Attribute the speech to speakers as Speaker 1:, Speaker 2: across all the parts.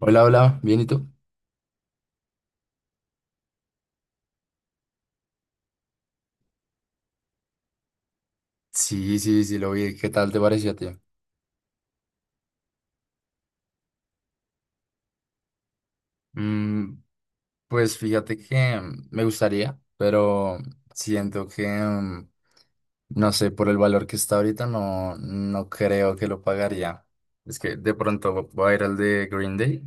Speaker 1: Hola, hola, ¿bien y tú? Sí, sí, sí, lo vi. ¿Qué tal te pareció, tío? Mm, pues fíjate que me gustaría, pero siento que, no sé, por el valor que está ahorita, no, no creo que lo pagaría. Es que de pronto voy a ir al de Green Day,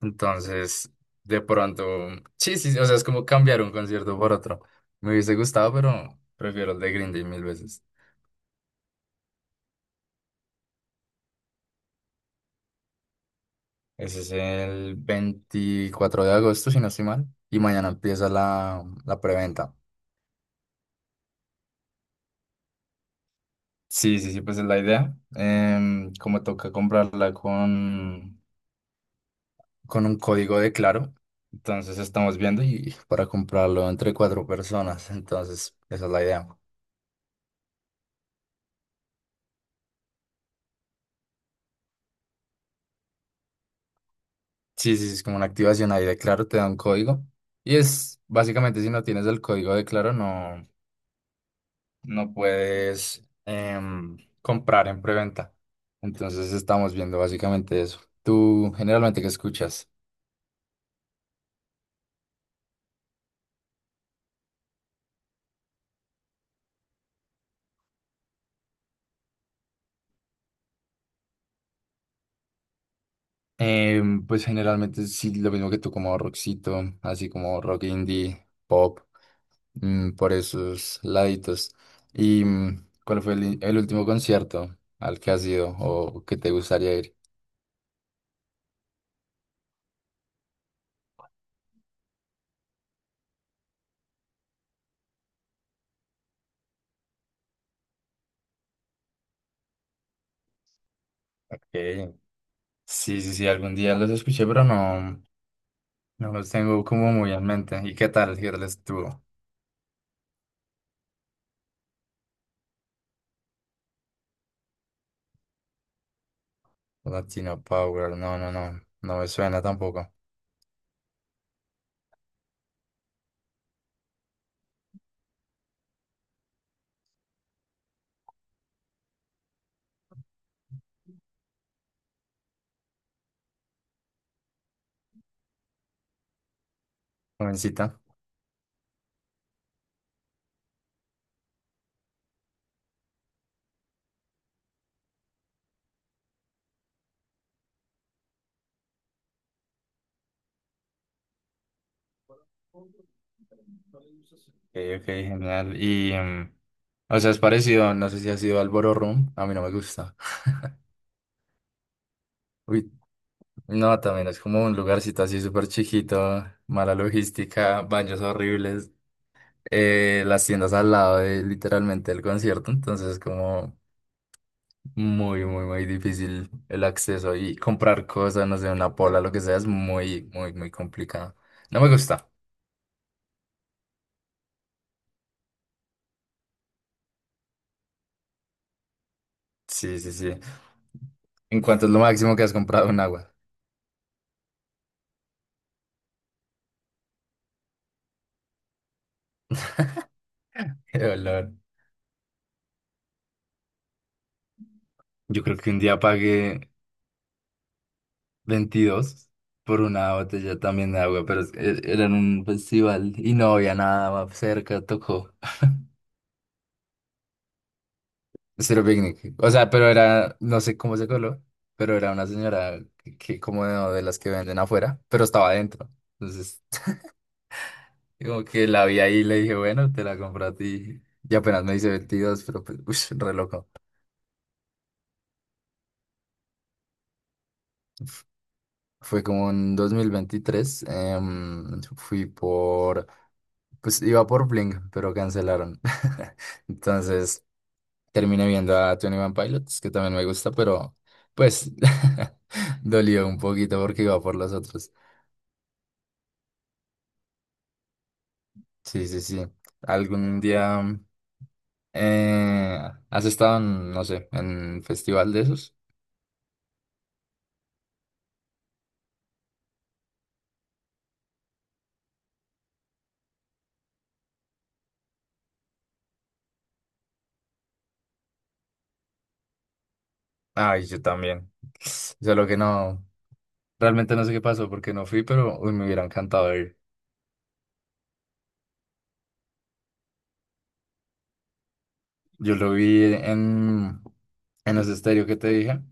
Speaker 1: entonces, de pronto, sí, sí, o sea, es como cambiar un concierto por otro. Me hubiese gustado, pero prefiero el de Green Day mil veces. Ese es el 24 de agosto, si no estoy mal. Y mañana empieza la preventa. Sí, sí, sí, pues es la idea. Como toca comprarla con un código de Claro. Entonces estamos viendo y para comprarlo entre 4 personas. Entonces, esa es la idea. Sí, sí, sí, es como una activación ahí de Claro, te da un código. Y es básicamente si no tienes el código de Claro, no. No puedes comprar en preventa. Entonces estamos viendo básicamente eso. ¿Tú generalmente qué escuchas? Pues generalmente sí, lo mismo que tú, como rockcito, así como rock indie, pop, por esos laditos. ¿Y cuál fue el último concierto al que has ido o que te gustaría ir? Ok. Sí, sí, sí, algún día los escuché, pero no, no los tengo como muy en mente. ¿Y qué tal? ¿Qué tal estuvo? Latina Power, no, no, no, no me suena tampoco. Jovencita. Ok, ok, genial. Y, o sea, es parecido, no sé si ha sido al Ballroom, a mí no me gusta. Uy, no, también es como un lugarcito así súper chiquito, mala logística, baños horribles, las tiendas al lado de literalmente el concierto, entonces es como muy, muy, muy difícil el acceso y comprar cosas, no sé, una pola, lo que sea, es muy, muy, muy complicado. No me gusta. Sí, sí, sí. ¿En cuánto es lo máximo que has comprado en agua? Qué valor. Yo creo que un día pagué 22 por una botella también de agua, pero era en un festival y no había nada más cerca, tocó. Cero picnic. O sea, pero era, no sé cómo se coló, pero era una señora que como de las que venden afuera, pero estaba adentro. Entonces, como que la vi ahí y le dije, bueno, te la compro a ti. Y apenas me dice 22, pero pues, ush, re loco. Fue como en 2023. Fui por, pues iba por Blink, pero cancelaron. Entonces terminé viendo a 21 Pilots, que también me gusta, pero pues dolió un poquito porque iba por los otros. Sí, sí, sí. ¿Algún día eh, has estado en, no sé, en festival de esos? Ay, yo también. Solo que no, realmente no sé qué pasó porque no fui, pero uy, me hubiera encantado. Yo lo vi en los estéreo que te dije.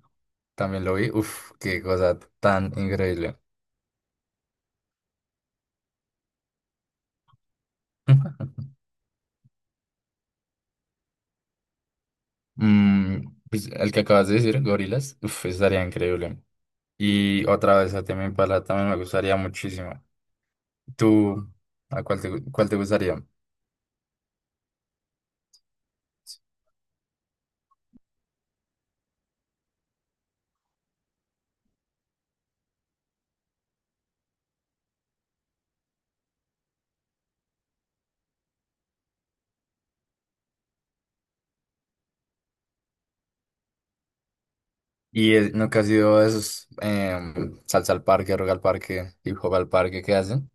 Speaker 1: También lo vi. Uf, qué cosa tan increíble. Pues, el que acabas de decir, gorilas, uf, estaría increíble. Y otra vez a Tame Impala también me gustaría muchísimo. ¿Tú a cuál te, cuál te gustaría? ¿Y nunca has ido a esos salsa al parque, rock al parque, hip hop al parque que hacen?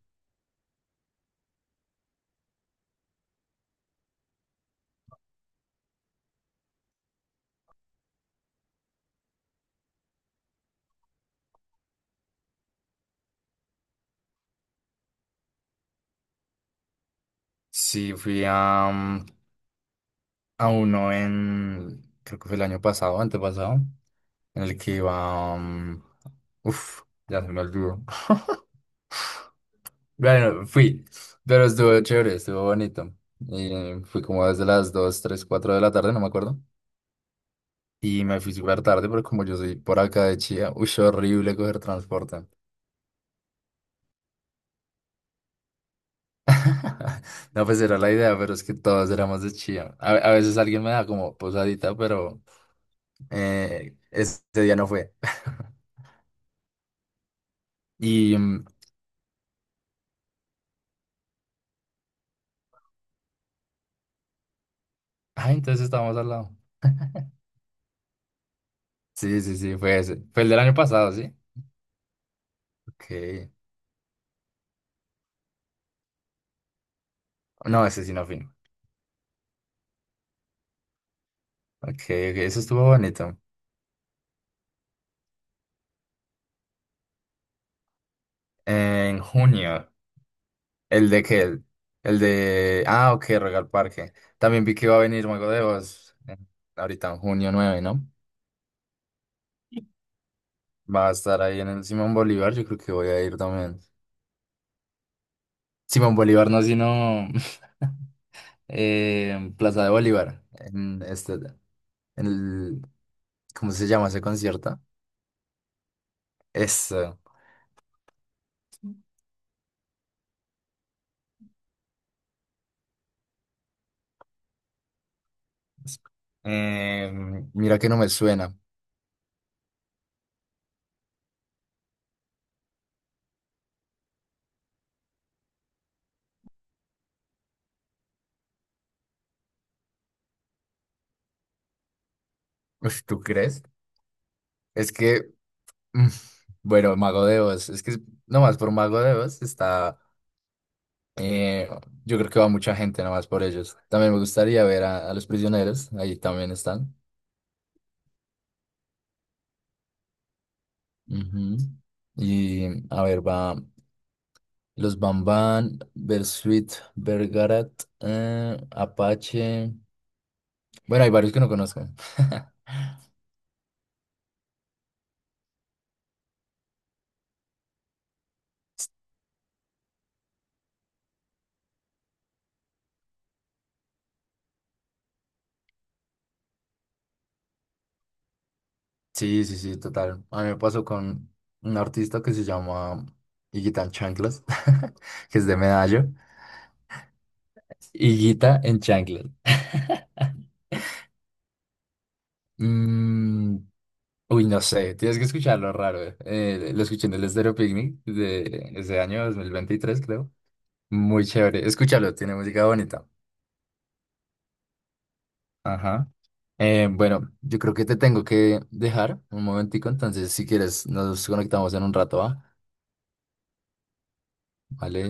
Speaker 1: Sí, fui a, a uno en, creo que fue el año pasado, antepasado. En el que iba uf, ya se me olvidó. Bueno, fui, pero estuvo chévere, estuvo bonito. Y fui como desde las 2 3 4 de la tarde, no me acuerdo. Y me fui súper tarde, pero como yo soy por acá de Chía, uy, horrible coger transporte. No, pues era la idea, pero es que todos éramos de Chía. A veces alguien me da como posadita, pero este día no fue. Y, ay, entonces estábamos al lado. Sí, sí, sí, fue ese. Fue el del año pasado, ¿sí? Ok. No, ese sí no firma. Ok, ok, eso estuvo bonito. En junio, el de qué el de, ah, ok, Royal Parque. También vi que iba a venir Mago de Oz, ahorita en 9 de junio, ¿no? Va a estar ahí en el Simón Bolívar, yo creo que voy a ir también. Simón Bolívar no, sino Plaza de Bolívar, en este, en el, ¿cómo se llama ese concierto? Eso. Eh, Mira que no me suena. Uf, ¿tú crees? Es que Mm, bueno, Mago de Oz, es que nomás por Mago de Oz está, eh, yo creo que va mucha gente nomás por ellos. También me gustaría ver a los prisioneros, ahí también están. Ujú. Y a ver, va los Bamban, Bersuit, Bergarat, Apache. Bueno, hay varios que no conozco. Sí, sí, sí, total. A mí me pasó con un artista que se llama Higuita en Chanclas, que es de Medallo. Higuita en Chanclas. Mm, uy, no sé, tienes que escucharlo raro. Lo escuché en el Estéreo Picnic de ese año 2023, creo. Muy chévere. Escúchalo, tiene música bonita. Ajá. Bueno, yo creo que te tengo que dejar un momentico, entonces si quieres nos conectamos en un rato, ¿va? Vale.